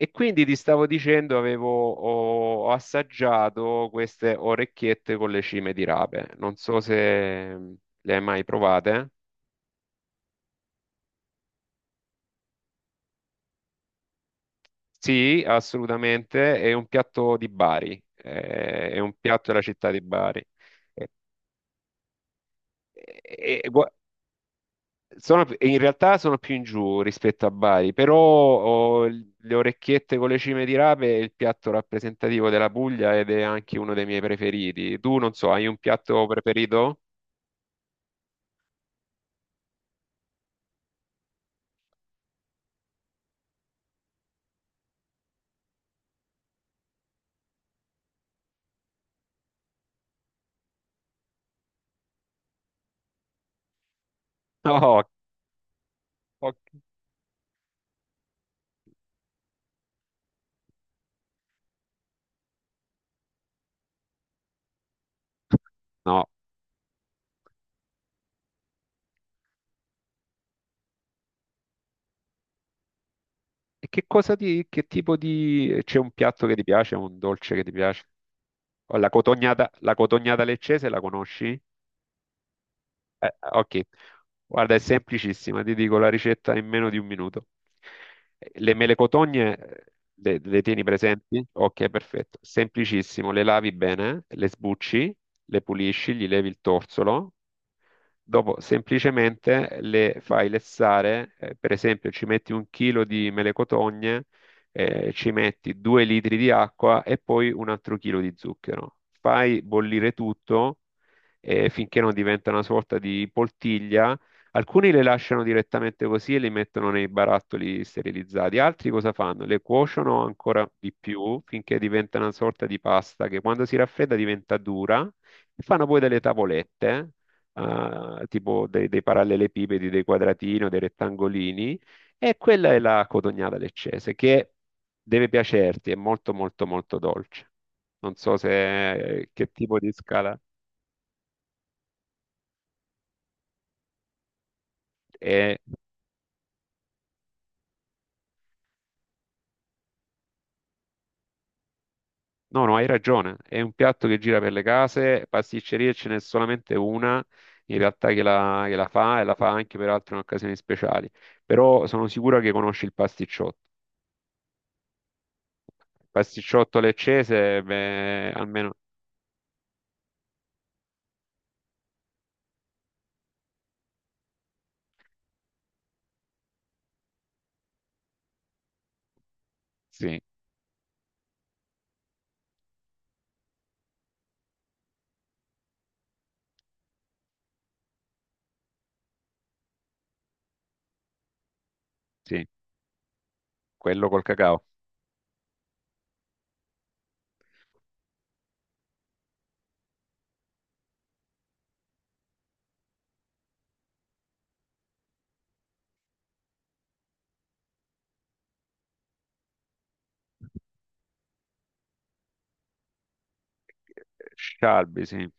E quindi ti stavo dicendo, ho assaggiato queste orecchiette con le cime di rape. Non so se le hai mai provate. Sì, assolutamente. È un piatto di Bari. È un piatto della città di Bari. E- e- e gua- in realtà sono più in giù rispetto a Bari, però le orecchiette con le cime di rape è il piatto rappresentativo della Puglia ed è anche uno dei miei preferiti. Tu non so, hai un piatto preferito? No. Ok. No. E che cosa ti, che tipo di... C'è un piatto che ti piace, un dolce che ti piace? Oh, la cotognata leccese la conosci? Ok. Guarda, è semplicissima, ti dico la ricetta in meno di un minuto. Le mele cotogne le tieni presenti? Ok, perfetto. Semplicissimo, le lavi bene, le sbucci, le pulisci, gli levi il torsolo. Dopo semplicemente le fai lessare, per esempio ci metti un chilo di mele cotogne, ci metti 2 litri di acqua e poi un altro chilo di zucchero. Fai bollire tutto finché non diventa una sorta di poltiglia. Alcuni le lasciano direttamente così e li mettono nei barattoli sterilizzati, altri cosa fanno? Le cuociono ancora di più finché diventa una sorta di pasta che quando si raffredda diventa dura e fanno poi delle tavolette, tipo dei parallelepipedi, dei quadratini o dei rettangolini, e quella è la cotognata leccese, che deve piacerti, è molto molto molto dolce. Non so se che tipo di scala è. No, no, hai ragione. È un piatto che gira per le case, pasticcerie ce n'è solamente una in realtà che la fa e la fa anche per altre occasioni speciali. Però sono sicuro che conosci il pasticciotto. Il pasticciotto leccese, beh, almeno sì, sì. Quello col cacao. Scialbi, sì.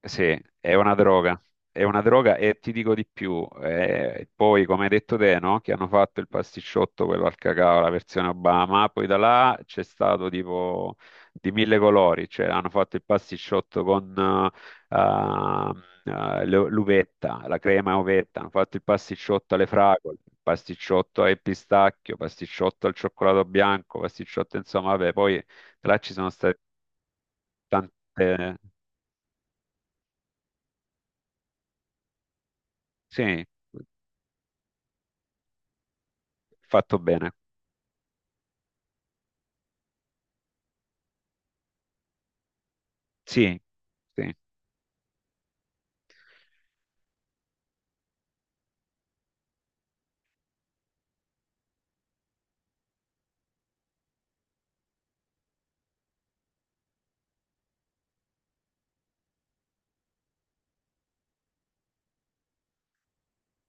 Sì, è una droga. È una droga e ti dico di più. Poi, come hai detto te, no? Che hanno fatto il pasticciotto, quello al cacao, la versione Obama. Poi da là c'è stato tipo di mille colori. Cioè, hanno fatto il pasticciotto con eh, l'uvetta, la crema uvetta. Hanno fatto il pasticciotto alle fragole, il pasticciotto al pistacchio, pasticciotto al cioccolato bianco, pasticciotto, insomma, vabbè, poi... Là ci sono stati tante... Sì, fatto bene. Sì, sì,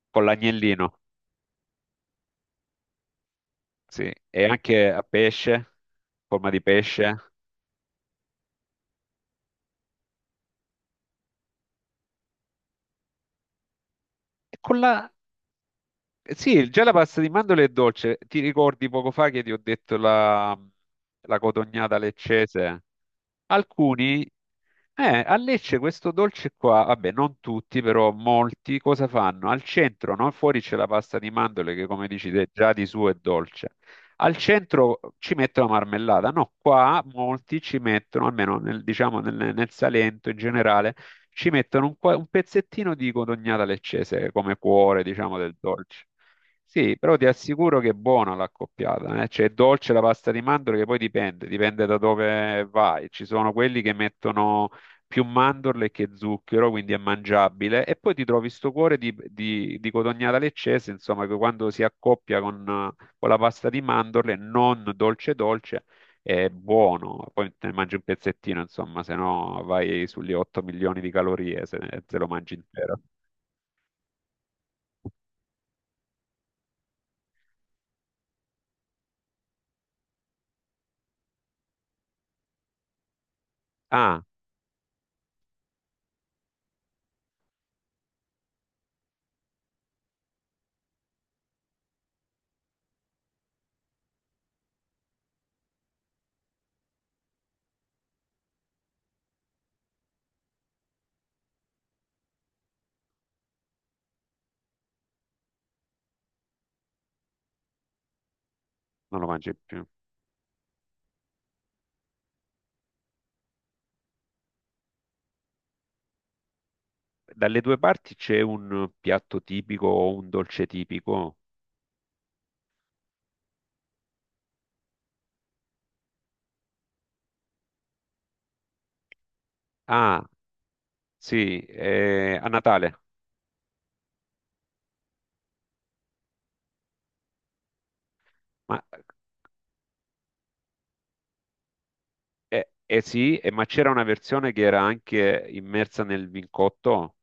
con l'agnellino, sì. E anche a pesce, forma di pesce. E con la... Sì, già la pasta di mandorle è dolce. Ti ricordi poco fa che ti ho detto la cotognata leccese? Alcuni a Lecce questo dolce qua, vabbè, non tutti, però molti cosa fanno? Al centro, no? Fuori c'è la pasta di mandorle che, come dici te, già di suo è dolce. Al centro ci mettono marmellata. No, qua molti ci mettono, almeno diciamo nel Salento in generale, ci mettono un pezzettino di codognata leccese come cuore, diciamo, del dolce. Sì, però ti assicuro che è buona l'accoppiata, eh? Cioè, è dolce la pasta di mandorle che poi dipende da dove vai. Ci sono quelli che mettono più mandorle che zucchero, quindi è mangiabile, e poi ti trovi sto cuore di codognata leccese, insomma, che quando si accoppia con la pasta di mandorle, non dolce dolce, è buono. Poi te ne mangi un pezzettino, insomma, se no vai sugli 8 milioni di calorie, se lo mangi intero. Ah, non lo mangi più. Dalle due parti c'è un piatto tipico o un dolce tipico? Ah, sì, a Natale. Ma, eh sì, ma c'era una versione che era anche immersa nel vincotto,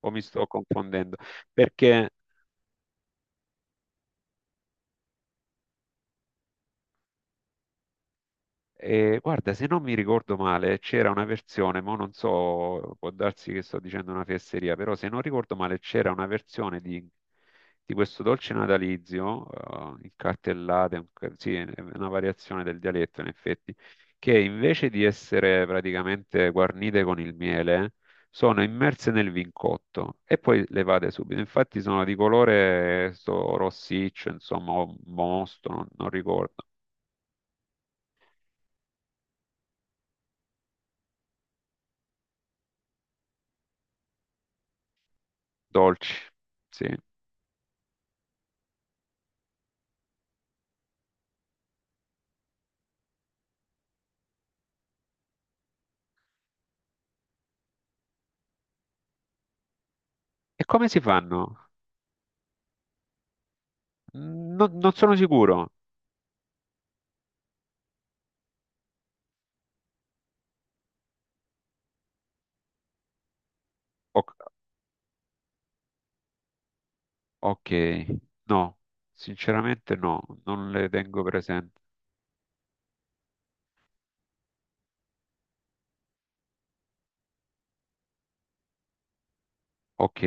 o mi sto confondendo? Perché E, guarda, se non mi ricordo male, c'era una versione, ma non so, può darsi che sto dicendo una fesseria, però se non ricordo male c'era una versione di questo dolce natalizio, il cartellate, sì, è una variazione del dialetto in effetti, che invece di essere praticamente guarnite con il miele, sono immerse nel vincotto e poi levate subito. Infatti sono di colore sto rossiccio, insomma, o mosto, non ricordo, dolci, sì. E come si fanno? Non sono sicuro. O- ok, no, sinceramente no, non le tengo presenti. Ok,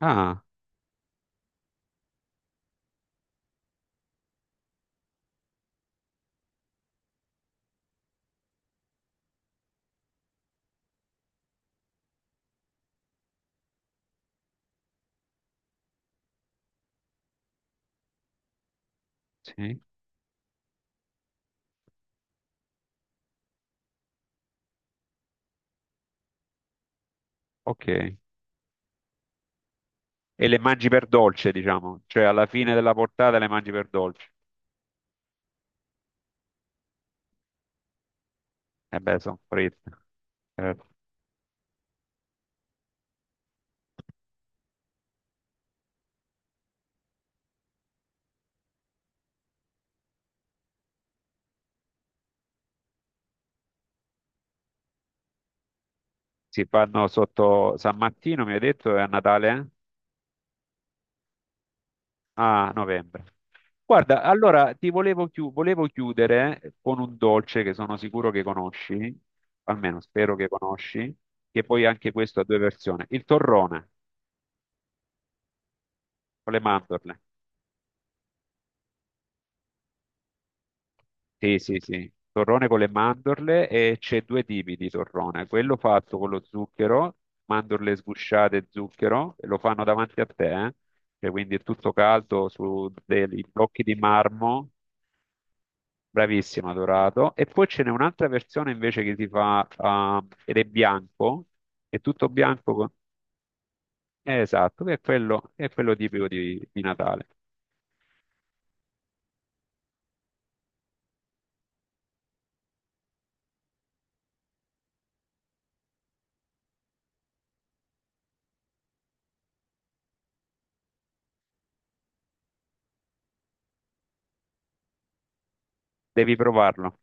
ah, sì, ok. E le mangi per dolce, diciamo, cioè alla fine della portata le mangi per dolce. E beh, sono fritte. Eh, Si fanno sotto San Martino, mi hai detto, e a Natale? Eh? A novembre. Guarda, allora volevo chiudere con un dolce che sono sicuro che conosci, almeno spero che conosci, che poi anche questo ha due versioni. Il torrone con le mandorle. Sì, sì, sì. Torrone con le mandorle e c'è due tipi di torrone. Quello fatto con lo zucchero, mandorle sgusciate e zucchero, e lo fanno davanti a te, eh. Cioè, quindi è tutto caldo su dei blocchi di marmo. Bravissimo, dorato. E poi ce n'è un'altra versione invece che si ed è bianco, è tutto bianco. Esatto, che è quello tipico di Natale. Devi provarlo.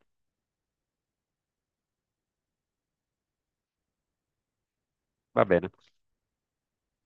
Va bene.